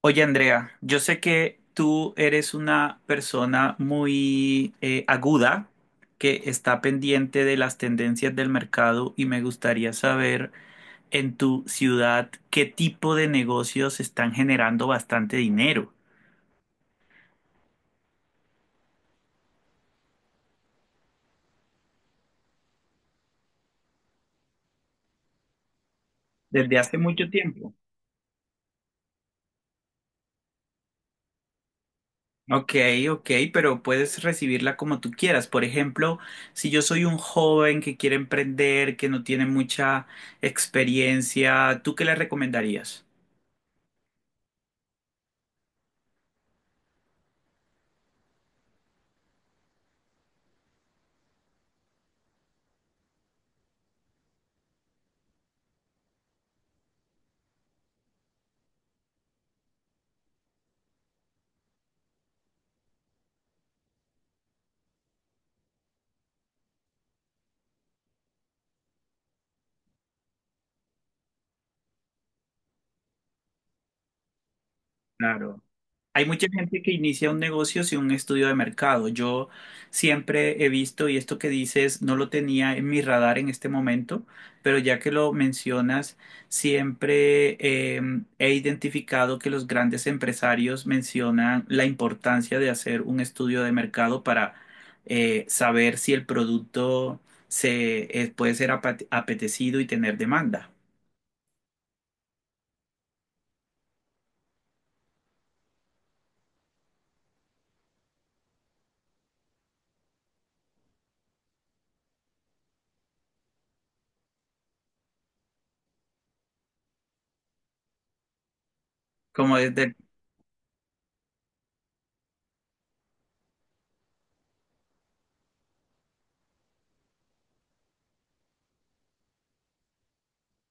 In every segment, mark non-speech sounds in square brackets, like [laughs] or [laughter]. Oye, Andrea, yo sé que tú eres una persona muy aguda que está pendiente de las tendencias del mercado y me gustaría saber en tu ciudad qué tipo de negocios están generando bastante dinero. Desde hace mucho tiempo. Ok, ok, pero puedes recibirla como tú quieras. Por ejemplo, si yo soy un joven que quiere emprender, que no tiene mucha experiencia, ¿tú qué le recomendarías? Claro. Hay mucha gente que inicia un negocio sin un estudio de mercado. Yo siempre he visto, y esto que dices no lo tenía en mi radar en este momento, pero ya que lo mencionas, siempre eh, he identificado que los grandes empresarios mencionan la importancia de hacer un estudio de mercado para saber si el producto puede ser apetecido y tener demanda. Como desde el…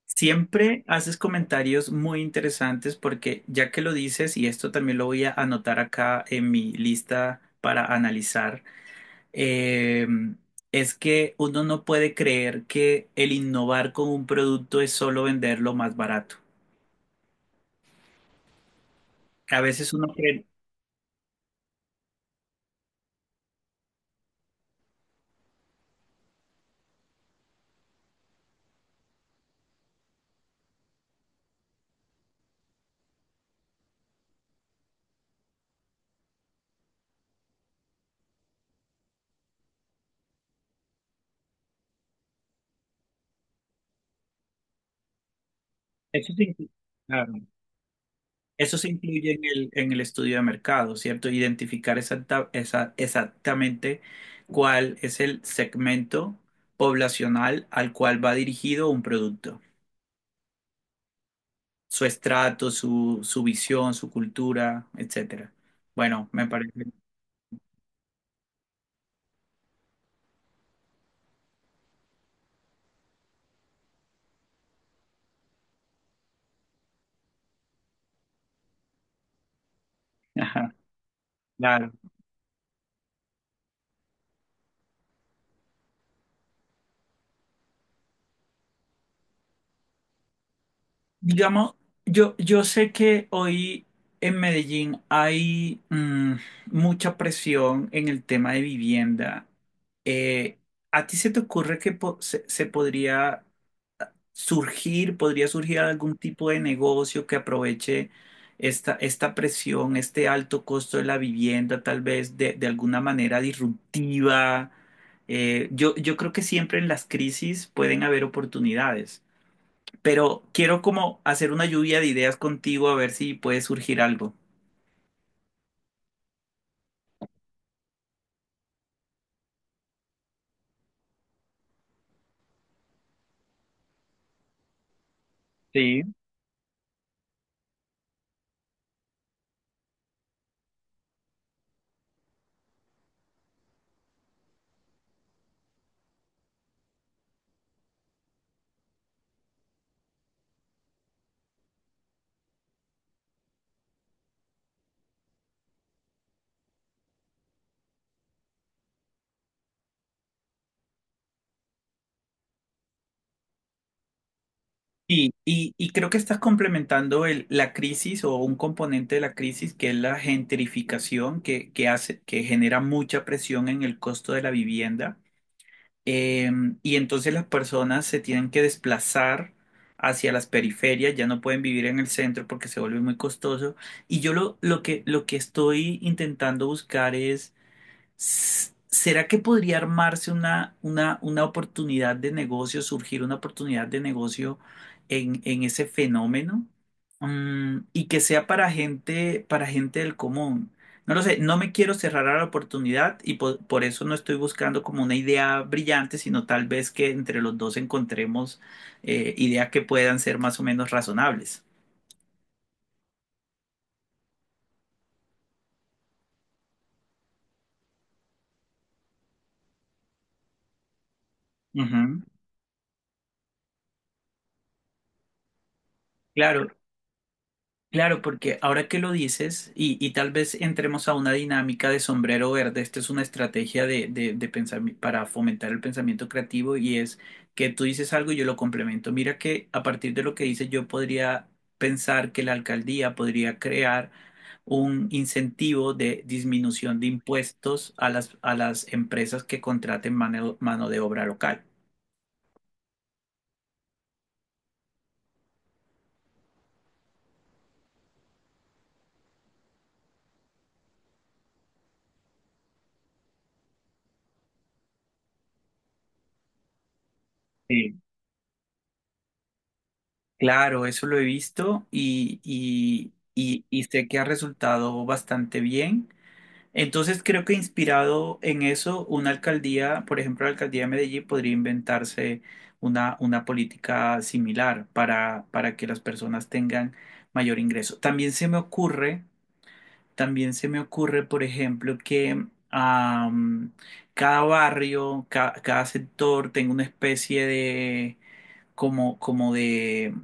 Siempre haces comentarios muy interesantes porque ya que lo dices, y esto también lo voy a anotar acá en mi lista para analizar. eh, es que uno no puede creer que el innovar con un producto es solo venderlo más barato. A veces uno cree, eso se inclu- claro, eso se incluye en en el estudio de mercado, ¿cierto? Identificar exactamente cuál es el segmento poblacional al cual va dirigido un producto, su estrato, su visión, su cultura, etcétera. Bueno, me parece. Ajá, claro. Digamos, yo sé que hoy en Medellín hay mucha presión en el tema de vivienda. Eh, ¿A ti se te ocurre que se podría surgir algún tipo de negocio que aproveche esta presión, este alto costo de la vivienda, tal vez de alguna manera disruptiva? Yo creo que siempre en las crisis pueden haber oportunidades, pero quiero como hacer una lluvia de ideas contigo a ver si puede surgir algo. Sí. Sí, y creo que estás complementando la crisis o un componente de la crisis, que es la gentrificación, que hace, que genera mucha presión en el costo de la vivienda. Eh, y entonces las personas se tienen que desplazar hacia las periferias, ya no pueden vivir en el centro porque se vuelve muy costoso. Y yo lo que estoy intentando buscar es… ¿Será que podría armarse una oportunidad de negocio, surgir una oportunidad de negocio en ese fenómeno? Mm, y que sea para gente del común. No lo sé, no me quiero cerrar a la oportunidad y por eso no estoy buscando como una idea brillante, sino tal vez que entre los dos encontremos ideas que puedan ser más o menos razonables. Ujú. Claro. Claro, porque ahora que lo dices, y tal vez entremos a una dinámica de sombrero verde. Esta es una estrategia de, de para fomentar el pensamiento creativo, y es que tú dices algo y yo lo complemento. Mira que a partir de lo que dices yo podría pensar que la alcaldía podría crear un incentivo de disminución de impuestos a las empresas que contraten mano de obra local. Sí. Claro, eso lo he visto, y sé que ha resultado bastante bien. Entonces creo que, inspirado en eso, una alcaldía, por ejemplo, la alcaldía de Medellín, podría inventarse una política similar para que las personas tengan mayor ingreso. También se me ocurre, también se me ocurre, por ejemplo, que am, cada barrio, cada sector tenga una especie de como, como de,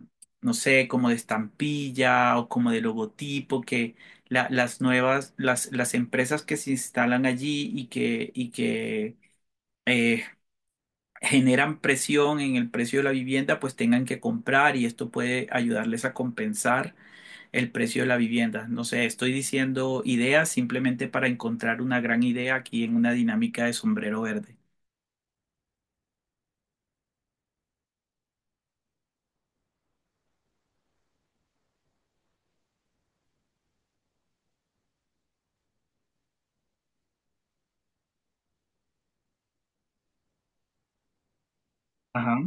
no sé, como de estampilla o como de logotipo, que las nuevas, las empresas que se instalan allí y que eh, generan presión en el precio de la vivienda, pues tengan que comprar, y esto puede ayudarles a compensar el precio de la vivienda. No sé, estoy diciendo ideas simplemente para encontrar una gran idea aquí en una dinámica de sombrero verde. Ajá.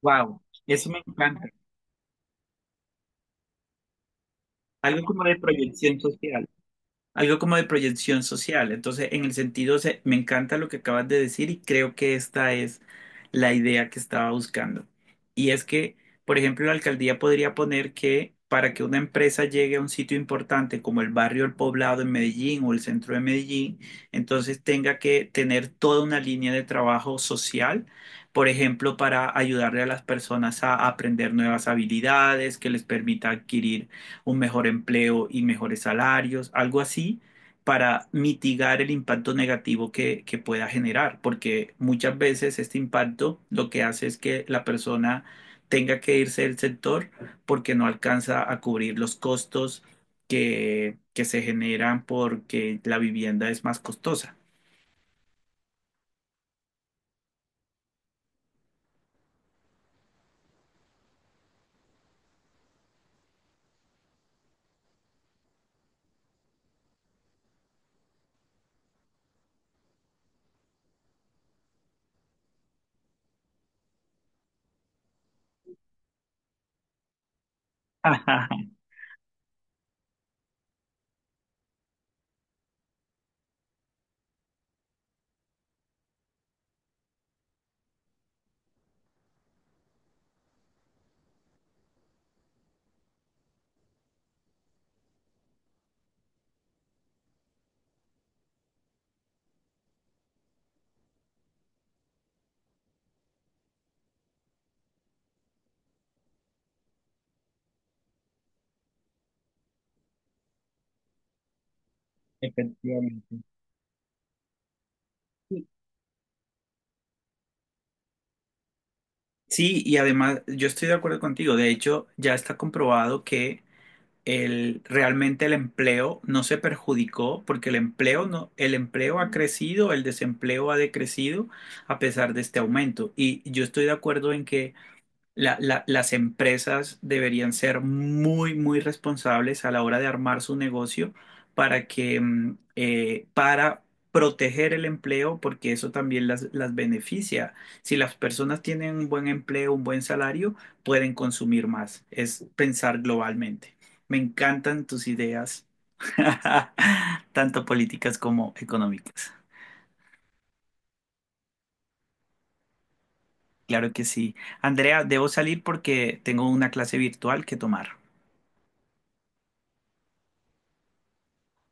Wow, eso me encanta. Algo como de proyección social. Algo como de proyección social. Entonces, en el sentido, me encanta lo que acabas de decir y creo que esta es la idea que estaba buscando. Y es que, por ejemplo, la alcaldía podría poner que, para que una empresa llegue a un sitio importante como el barrio El Poblado en Medellín o el centro de Medellín, entonces tenga que tener toda una línea de trabajo social. Por ejemplo, para ayudarle a las personas a aprender nuevas habilidades que les permita adquirir un mejor empleo y mejores salarios, algo así, para mitigar el impacto negativo que pueda generar, porque muchas veces este impacto lo que hace es que la persona tenga que irse del sector porque no alcanza a cubrir los costos que se generan porque la vivienda es más costosa. [laughs] Ajá. Efectivamente. Sí, y además yo estoy de acuerdo contigo. De hecho, ya está comprobado que realmente el empleo no se perjudicó, porque el empleo no, el empleo ha crecido, el desempleo ha decrecido a pesar de este aumento. Y yo estoy de acuerdo en que las empresas deberían ser muy, muy responsables a la hora de armar su negocio para que, para proteger el empleo, porque eso también las beneficia. Si las personas tienen un buen empleo, un buen salario, pueden consumir más. Es pensar globalmente. Me encantan tus ideas, [laughs] tanto políticas como económicas. Claro que sí. Andrea, debo salir porque tengo una clase virtual que tomar.